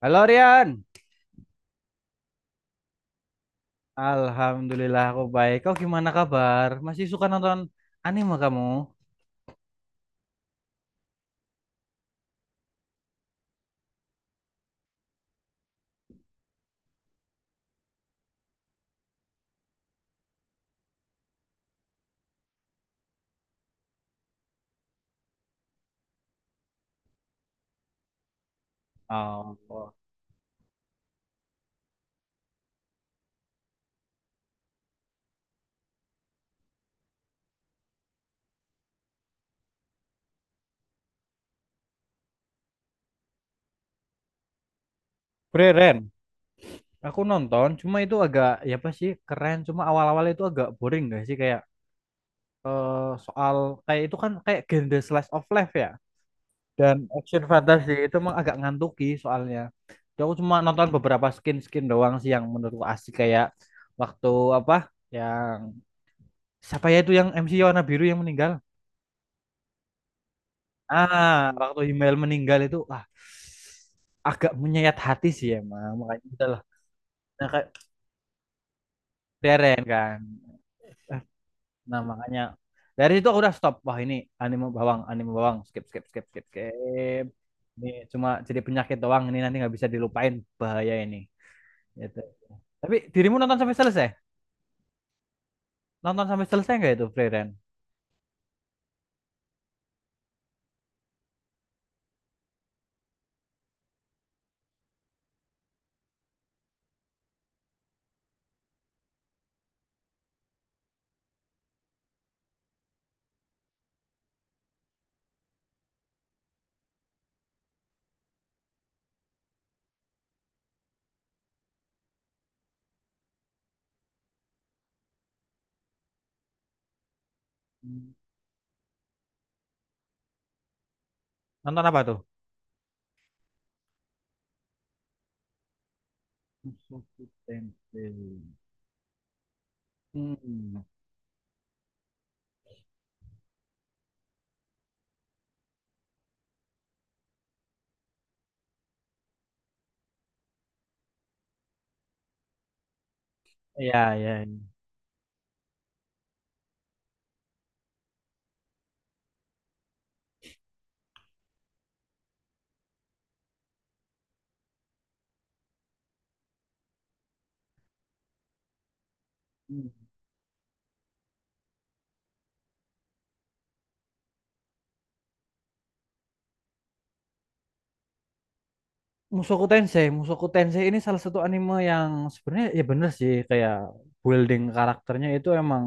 Halo Rian. Alhamdulillah aku baik. Kau gimana kabar? Masih suka nonton anime kamu? Oh, keren. Aku nonton, cuma itu agak ya apa sih keren. Cuma awal-awal itu agak boring gak sih kayak eh, soal kayak itu kan kayak genre slice of life ya dan action fantasi itu emang agak ngantuki soalnya. Jadi aku cuma nonton beberapa skin-skin doang sih yang menurutku asik kayak waktu apa yang siapa ya itu yang MC warna biru yang meninggal? Ah, waktu Himmel meninggal itu ah agak menyayat hati sih emang makanya udahlah nah, kayak Deren kan. Eh, nah makanya dari situ aku udah stop, wah ini anime bawang, anime bawang, skip skip skip skip skip, ini cuma jadi penyakit doang ini nanti nggak bisa dilupain, bahaya ini gitu. Tapi dirimu nonton sampai selesai, nonton sampai selesai nggak itu Deren? Hmm. Nonton apa tuh? Mushoku Tensei. Hmm, ya, ya. Ya. Mushoku Tensei, Mushoku Tensei ini salah satu anime yang sebenarnya ya bener sih kayak building karakternya itu emang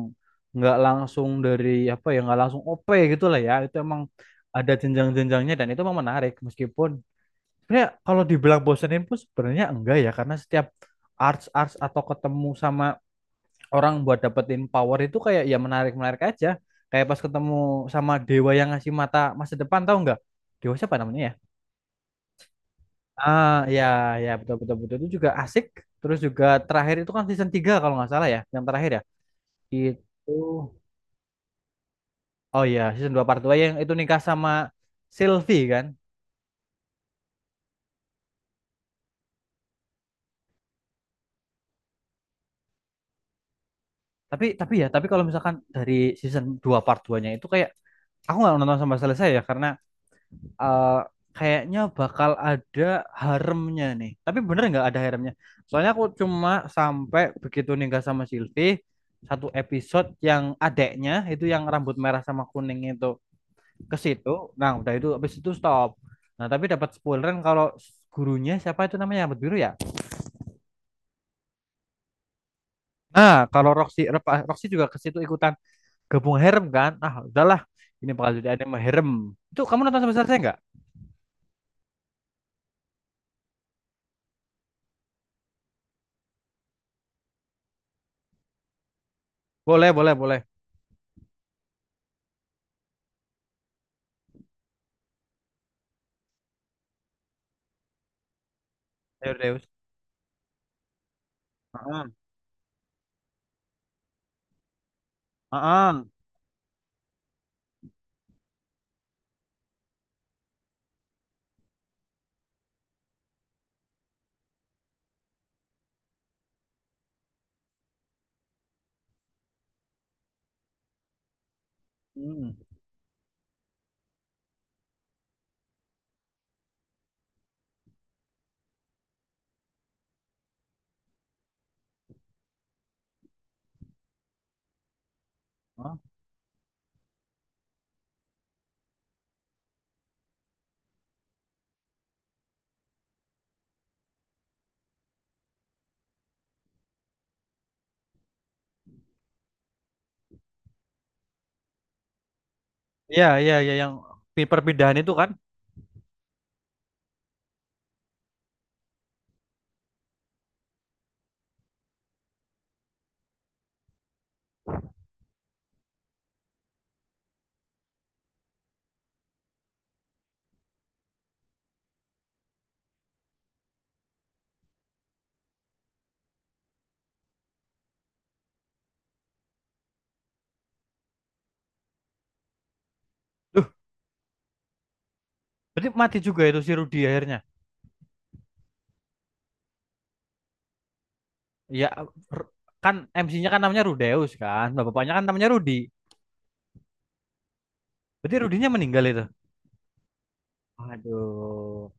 nggak langsung dari apa ya, nggak langsung OP gitu lah ya, itu emang ada jenjang-jenjangnya dan itu emang menarik, meskipun sebenarnya kalau dibilang bosenin pun sebenarnya enggak ya, karena setiap arts arts atau ketemu sama orang buat dapetin power itu kayak ya menarik menarik aja, kayak pas ketemu sama dewa yang ngasih mata masa depan tahu nggak, dewa siapa namanya ya? Ah, ya, ya, betul, betul, betul. Itu juga asik. Terus juga terakhir itu kan season 3 kalau nggak salah ya, yang terakhir ya. Itu, oh ya, season 2 part 2 yang itu nikah sama Sylvie kan. Tapi ya, tapi kalau misalkan dari season 2 part 2-nya itu kayak, aku nggak nonton sampai selesai ya, karena eh, kayaknya bakal ada haremnya nih. Tapi bener nggak ada haremnya? Soalnya aku cuma sampai begitu nikah sama Sylvie, satu episode yang adeknya itu yang rambut merah sama kuning itu, ke situ. Nah, udah itu habis itu stop. Nah, tapi dapat spoileran kalau gurunya siapa itu namanya rambut biru ya. Nah, kalau Roxy Rep- Roxy juga ke situ ikutan gabung harem kan. Ah, udahlah. Ini bakal jadi anime harem. Itu kamu nonton sampai selesai nggak? Boleh, boleh, boleh. Ayo Deus. Heeh. Heeh. Hmm. Heeh. Iya, iya, iya, yang pi- perpindahan itu kan. Duh, berarti mati juga itu si Rudy akhirnya. Iya, r- kan MC-nya kan namanya Rudeus kan. Nah, bapaknya kan namanya Rudi. Berarti Rudinya meninggal itu. Aduh.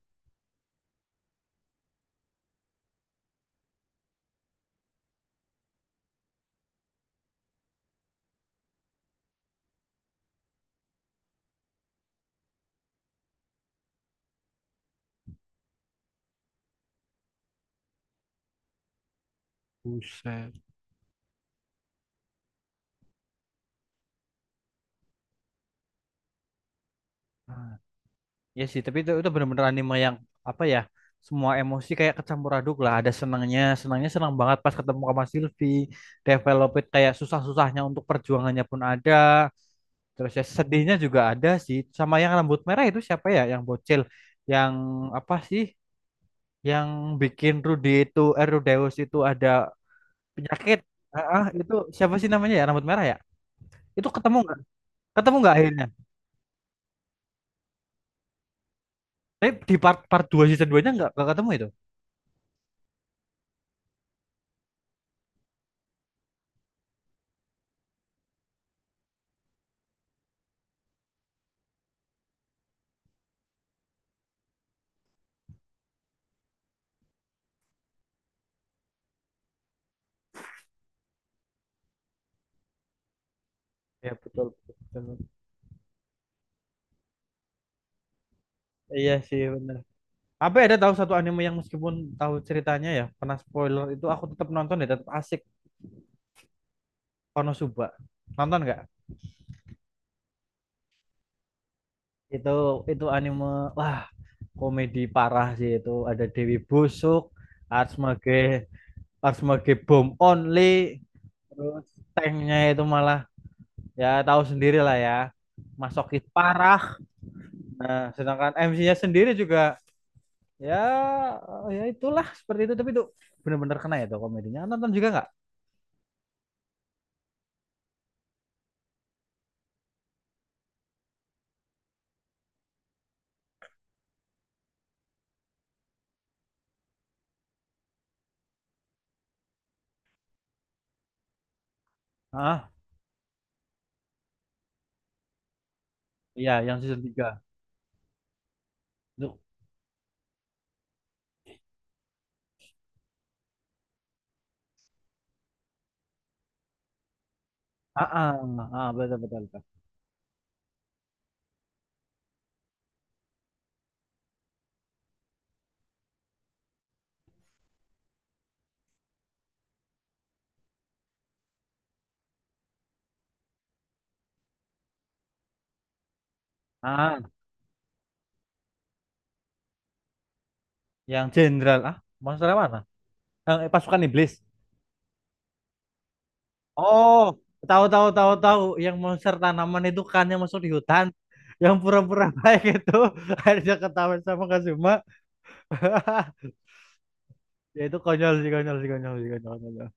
Buset. Ya sih, tapi itu benar-benar anime yang apa ya? Semua emosi kayak kecampur aduk lah. Ada senangnya, senangnya senang banget pas ketemu sama Sylvie. Develop kayak susah-susahnya untuk perjuangannya pun ada. Terus ya sedihnya juga ada sih. Sama yang rambut merah itu siapa ya? Yang bocil, yang apa sih? Yang bikin Rudy itu, Rudeus itu ada penyakit. Ah, ah, itu siapa sih namanya ya? Rambut merah ya? Itu ketemu nggak? Ketemu nggak akhirnya? Tapi di part part 2 season 2-nya nggak ketemu itu. Ya betul, betul, betul. Iya sih benar. Apa ada tahu satu anime yang meskipun tahu ceritanya ya, pernah spoiler itu aku tetap nonton ya, tetap asik. Konosuba. Nonton nggak? Itu itu anime wah, komedi parah sih itu. Ada Dewi Busuk, Arsmage, Arsmage Bomb Only, terus tanknya itu malah ya tahu sendiri lah ya. Masokis parah. Nah, sedangkan MC-nya sendiri juga ya ya itulah seperti itu tapi itu bener-bener kena ya tuh komedinya. Ah, nonton juga nggak? Ah iya yang season 3 tuh. Ah, ah, ah, betul, betul, betul. Ah yang jenderal, ah monster yang mana, yang pasukan iblis? Oh, tahu tahu tahu tahu, yang monster tanaman itu kan yang masuk di hutan, yang pura-pura baik itu akhirnya ketahuan sama Kazuma. Ya itu konyol sih, konyol.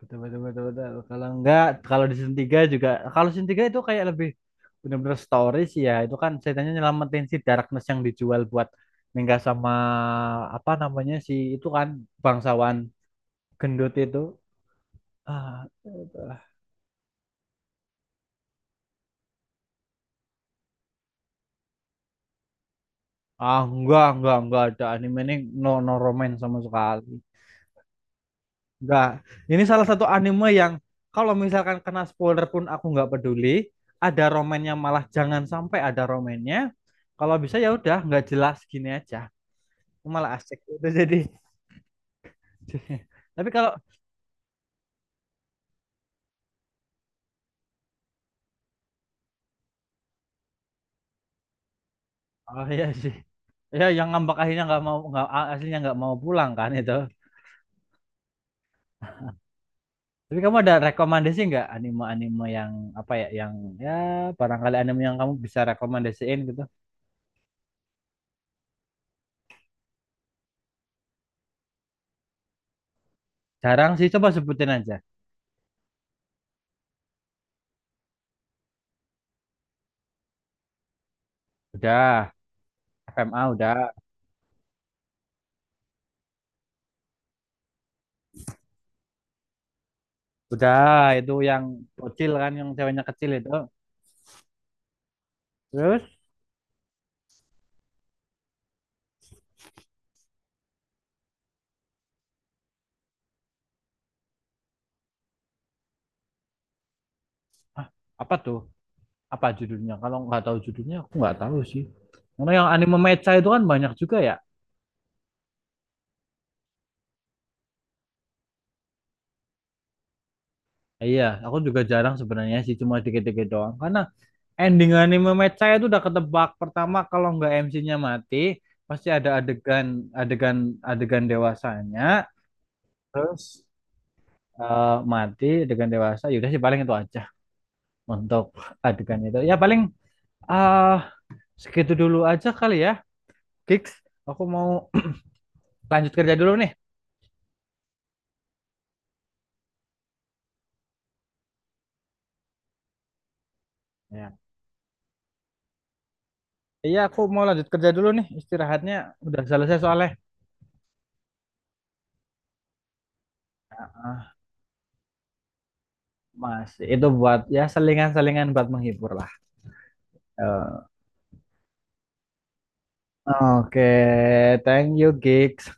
Betul, betul, betul, betul. Kalau enggak, kalau di season 3 juga, kalau season 3 itu kayak lebih benar-benar story sih ya. Itu kan ceritanya nyelamatin si Darkness yang dijual buat nikah sama apa namanya si itu kan bangsawan gendut itu. Ah, itu ah enggak, ada anime ini no no romance sama sekali. Enggak. Ini salah satu anime yang kalau misalkan kena spoiler pun aku nggak peduli. Ada romannya, malah jangan sampai ada romannya. Kalau bisa ya udah nggak jelas gini aja. Malah asik itu jadi. Tapi kalau oh iya sih. Ya yang ngambek akhirnya nggak mau, nggak aslinya nggak mau pulang kan itu. Tapi kamu ada rekomendasi nggak anime-anime yang apa ya yang ya barangkali anime yang kamu bisa rekomendasiin gitu. Jarang sih, coba sebutin aja. Udah, FMA udah. Udah, itu yang kecil kan, yang ceweknya kecil itu. Terus, ah, apa tuh? Apa judulnya? Kalau nggak tahu judulnya, aku nggak tahu sih. Karena yang anime mecha itu kan banyak juga ya. Iya, aku juga jarang sebenarnya sih, cuma dikit-dikit doang. Karena ending anime mecha itu udah ketebak. Pertama, kalau nggak MC-nya mati, pasti ada adegan adegan adegan dewasanya. Terus mati adegan dewasa. Yaudah sih paling itu aja untuk adegan itu. Ya paling ah segitu dulu aja kali ya. Kiks, aku mau lanjut kerja dulu nih. Ya. Iya, aku mau lanjut kerja dulu nih. Istirahatnya udah selesai soalnya. Ah, Mas, itu buat ya selingan-selingan buat menghibur lah. Eh, oke, thank you, Gigs.